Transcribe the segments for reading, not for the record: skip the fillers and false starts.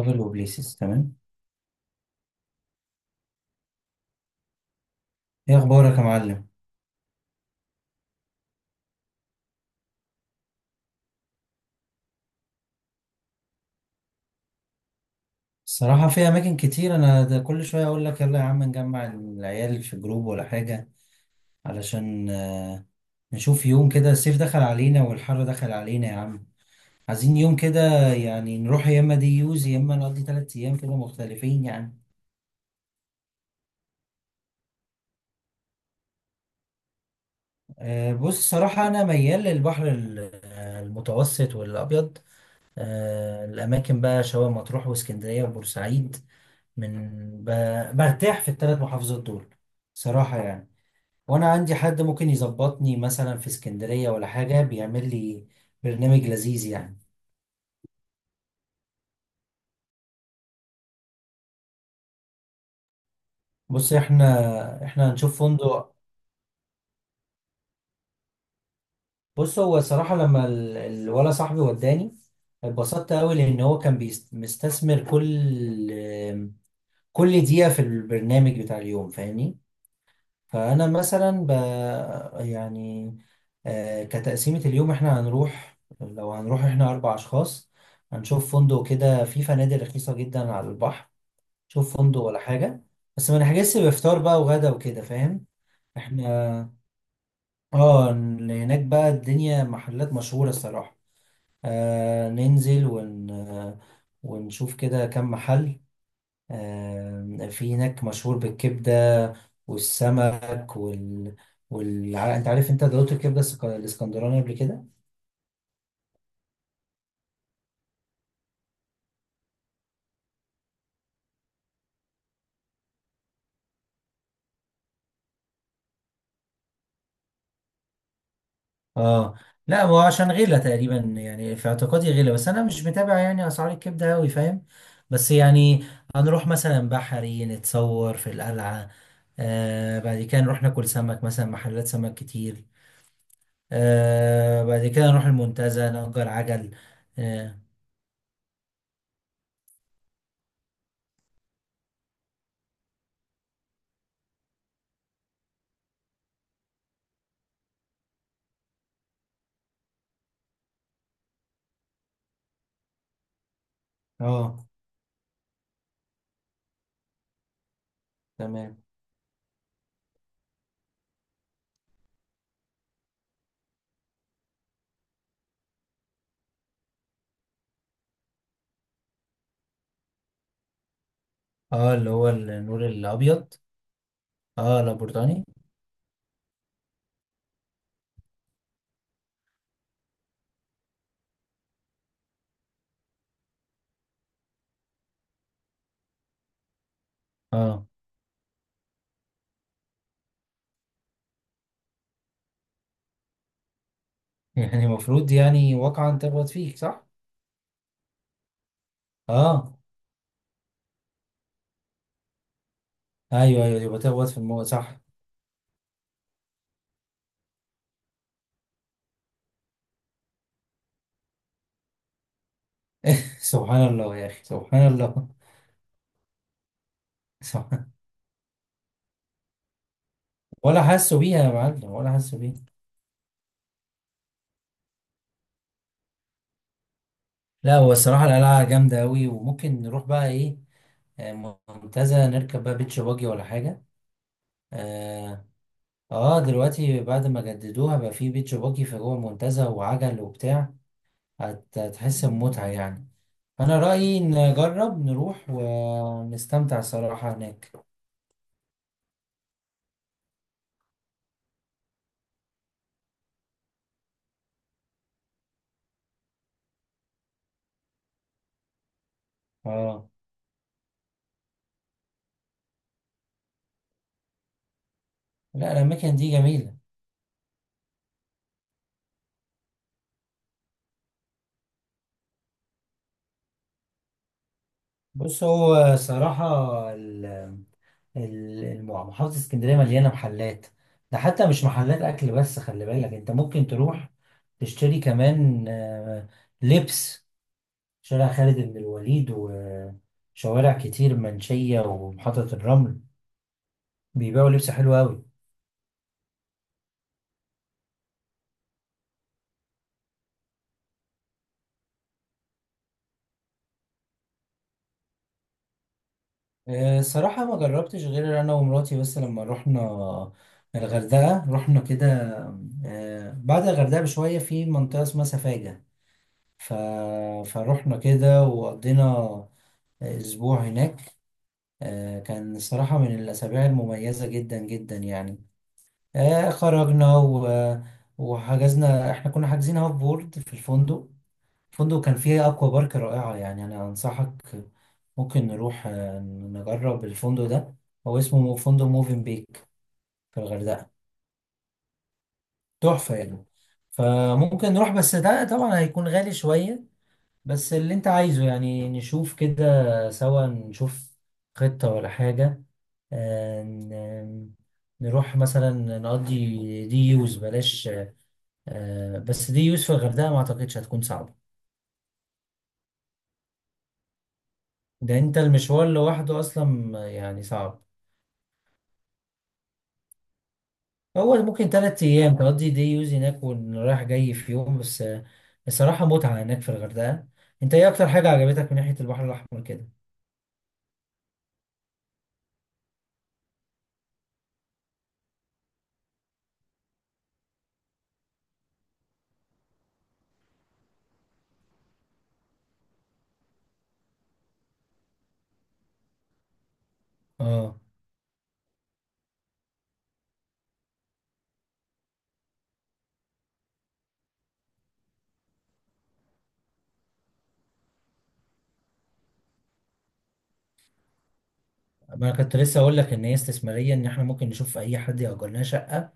ترافل وبليسز تمام. ايه اخبارك يا معلم؟ الصراحه في اماكن كتير، انا ده كل شويه اقول لك يلا يا عم نجمع العيال في جروب ولا حاجه، علشان نشوف يوم كده، الصيف دخل علينا والحر دخل علينا يا عم، عايزين يوم كده، يعني نروح يا اما دي يوز يا اما نقضي 3 ايام كده مختلفين يعني. بص، الصراحه انا ميال للبحر المتوسط والابيض. الأماكن بقى شبه مطروح واسكندرية وبورسعيد. من ب... برتاح في الـ3 محافظات دول صراحة يعني. وأنا عندي حد ممكن يظبطني مثلا في اسكندرية ولا حاجة، بيعمل لي برنامج لذيذ يعني. بص احنا هنشوف فندق. بص، هو صراحة لما الولا صاحبي وداني اتبسطت قوي، لأن هو كان مستثمر كل دقيقة في البرنامج بتاع اليوم، فاهمني. فأنا مثلا ب... يعني آه، كتقسيمة اليوم احنا هنروح، لو هنروح احنا 4 أشخاص، هنشوف فندق كده، في فنادق رخيصة جدا على البحر، نشوف فندق ولا حاجة، بس ما نحجزش بفطار بقى وغدا وكده، فاهم؟ احنا اه، هناك بقى الدنيا محلات مشهورة الصراحة. ننزل ون... آه، ونشوف كده كم محل. في هناك مشهور بالكبدة والسمك انت عارف انت دوت الكبدة الاسكندراني قبل كده؟ اه. لا هو عشان غلا تقريبا يعني، في اعتقادي غلا، بس انا مش متابع يعني اسعار الكبده قوي، فاهم. بس يعني هنروح مثلا بحري، نتصور في القلعه. بعد كده نروح ناكل سمك، مثلا محلات سمك كتير. بعد كده نروح المنتزه نأجر عجل. اه. اه. تمام. اللي هو النور الابيض. اه، لابورتاني. اه. يعني المفروض يعني واقعا تخبط فيك، صح؟ اه. ايوه ايوه، يبقى تخبط في الموضوع صح. سبحان الله يا اخي، سبحان الله. سبحان. ولا حاسه بيها يا معلم، ولا حاسه بيها. لا هو الصراحه القلعه جامده قوي، وممكن نروح بقى ايه، منتزه، نركب بقى بيتش باجي ولا حاجه. اه. دلوقتي بعد ما جددوها بقى في بيتش باجي في جوه المنتزه، وعجل وبتاع. هتحس بمتعه يعني. انا رايي نجرب نروح ونستمتع صراحه هناك. اه. لا، الاماكن دي جميله. بص، هو صراحه ال- محافظه اسكندريه مليانه محلات. ده حتى مش محلات اكل بس، خلي بالك انت ممكن تروح تشتري كمان لبس. شارع خالد بن الوليد وشوارع كتير، منشيه ومحطه الرمل، بيبيعوا لبس حلو قوي. صراحة ما جربتش، غير أنا ومراتي بس لما رحنا الغردقة، رحنا كده. بعد الغردقة بشوية في منطقة اسمها سفاجة، ف... فروحنا كده وقضينا أسبوع هناك. كان صراحة من الأسابيع المميزة جدا جدا يعني. خرجنا وحجزنا، احنا كنا حاجزين هاف بورد في الفندق، فندق كان فيه أكوا بارك رائعة يعني، أنا أنصحك ممكن نروح نجرب الفندق ده. هو اسمه فندق موفين بيك في الغردقة، تحفة يعني. فممكن نروح، بس ده طبعا هيكون غالي شوية. بس اللي أنت عايزه يعني، نشوف كده سوا نشوف خطة ولا حاجة. آه، ن- نروح مثلا نقضي دي يوز بلاش. بس دي يوز في الغردقة ما أعتقدش هتكون صعبة. ده انت المشوار لوحده اصلا يعني صعب. هو ممكن 3 أيام تقضي دي يوز هناك، ورايح جاي في يوم بس. الصراحة متعة هناك في الغردقة. أنت إيه أكتر حاجة عجبتك من ناحية البحر الأحمر كده؟ آه. ما أنا كنت لسه أقول لك إن هي استثمارية، إن إحنا ممكن نشوف أي حد يأجر لنا شقة،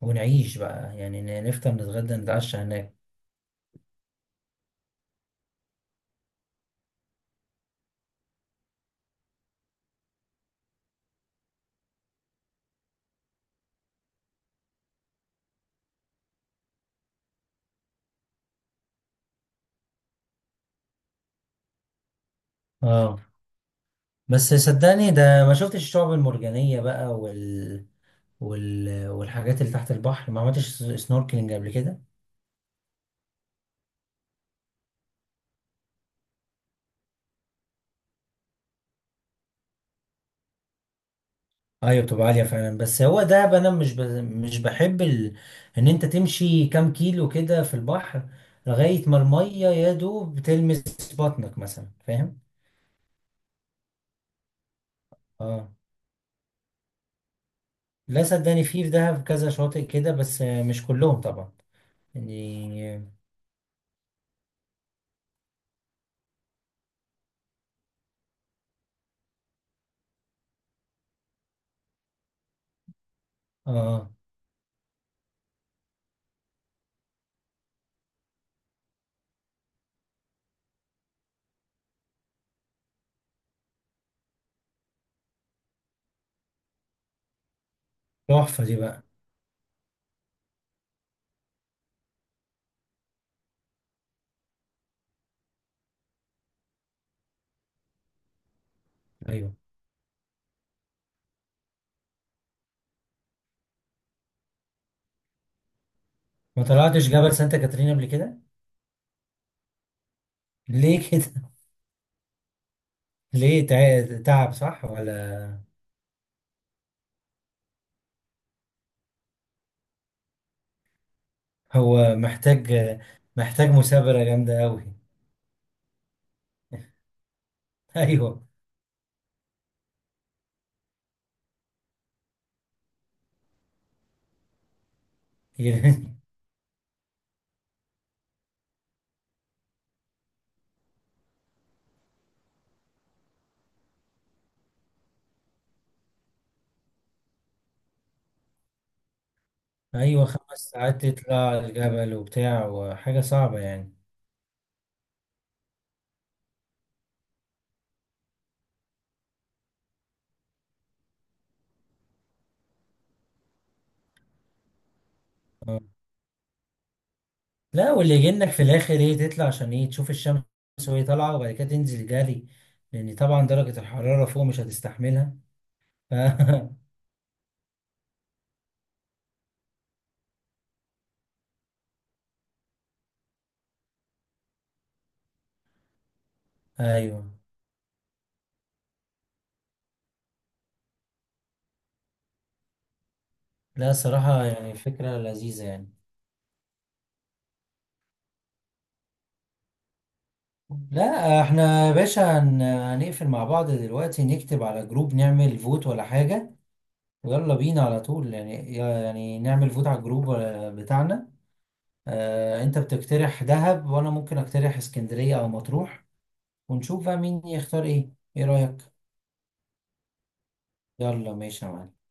ونعيش بقى يعني، نفطر نتغدى نتعشى هناك. آه. بس صدقني، ده ما شفتش الشعب المرجانية بقى والحاجات اللي تحت البحر، ما عملتش سنوركلينج قبل كده. ايوه، بتبقى عاليه فعلا، بس هو دهب انا مش بحب ان انت تمشي كام كيلو كده في البحر، لغايه ما الميه يا دوب بتلمس بطنك مثلا، فاهم. اه، لا صدقني، في في دهب كذا شاطئ كده، بس مش كلهم طبعا يعني. اه، تحفه دي بقى. ايوه، ما طلعتش جبل سانتا كاترين قبل كده؟ ليه كده؟ ليه تعب، صح ولا؟ هو محتاج، محتاج مثابره جامده قوي. ايوه. ايوه، 5 ساعات تطلع الجبل وبتاع، وحاجه صعبه يعني. آه. لا، واللي يجنك في الاخر ايه، تطلع عشان ايه، تشوف الشمس وهي طالعه، وبعد كده تنزل جري، لان طبعا درجه الحراره فوق مش هتستحملها. ف... ايوه. لا صراحه يعني فكره لذيذه يعني. لا احنا يا باشا هنقفل مع بعض دلوقتي، نكتب على جروب نعمل فوت ولا حاجه، ويلا بينا على طول يعني نعمل فوت على الجروب بتاعنا. انت بتقترح دهب، وانا ممكن اقترح اسكندرية او مطروح، ونشوف بقى مين يختار ايه. ايه رأيك؟ يلا ماشي يا معلم.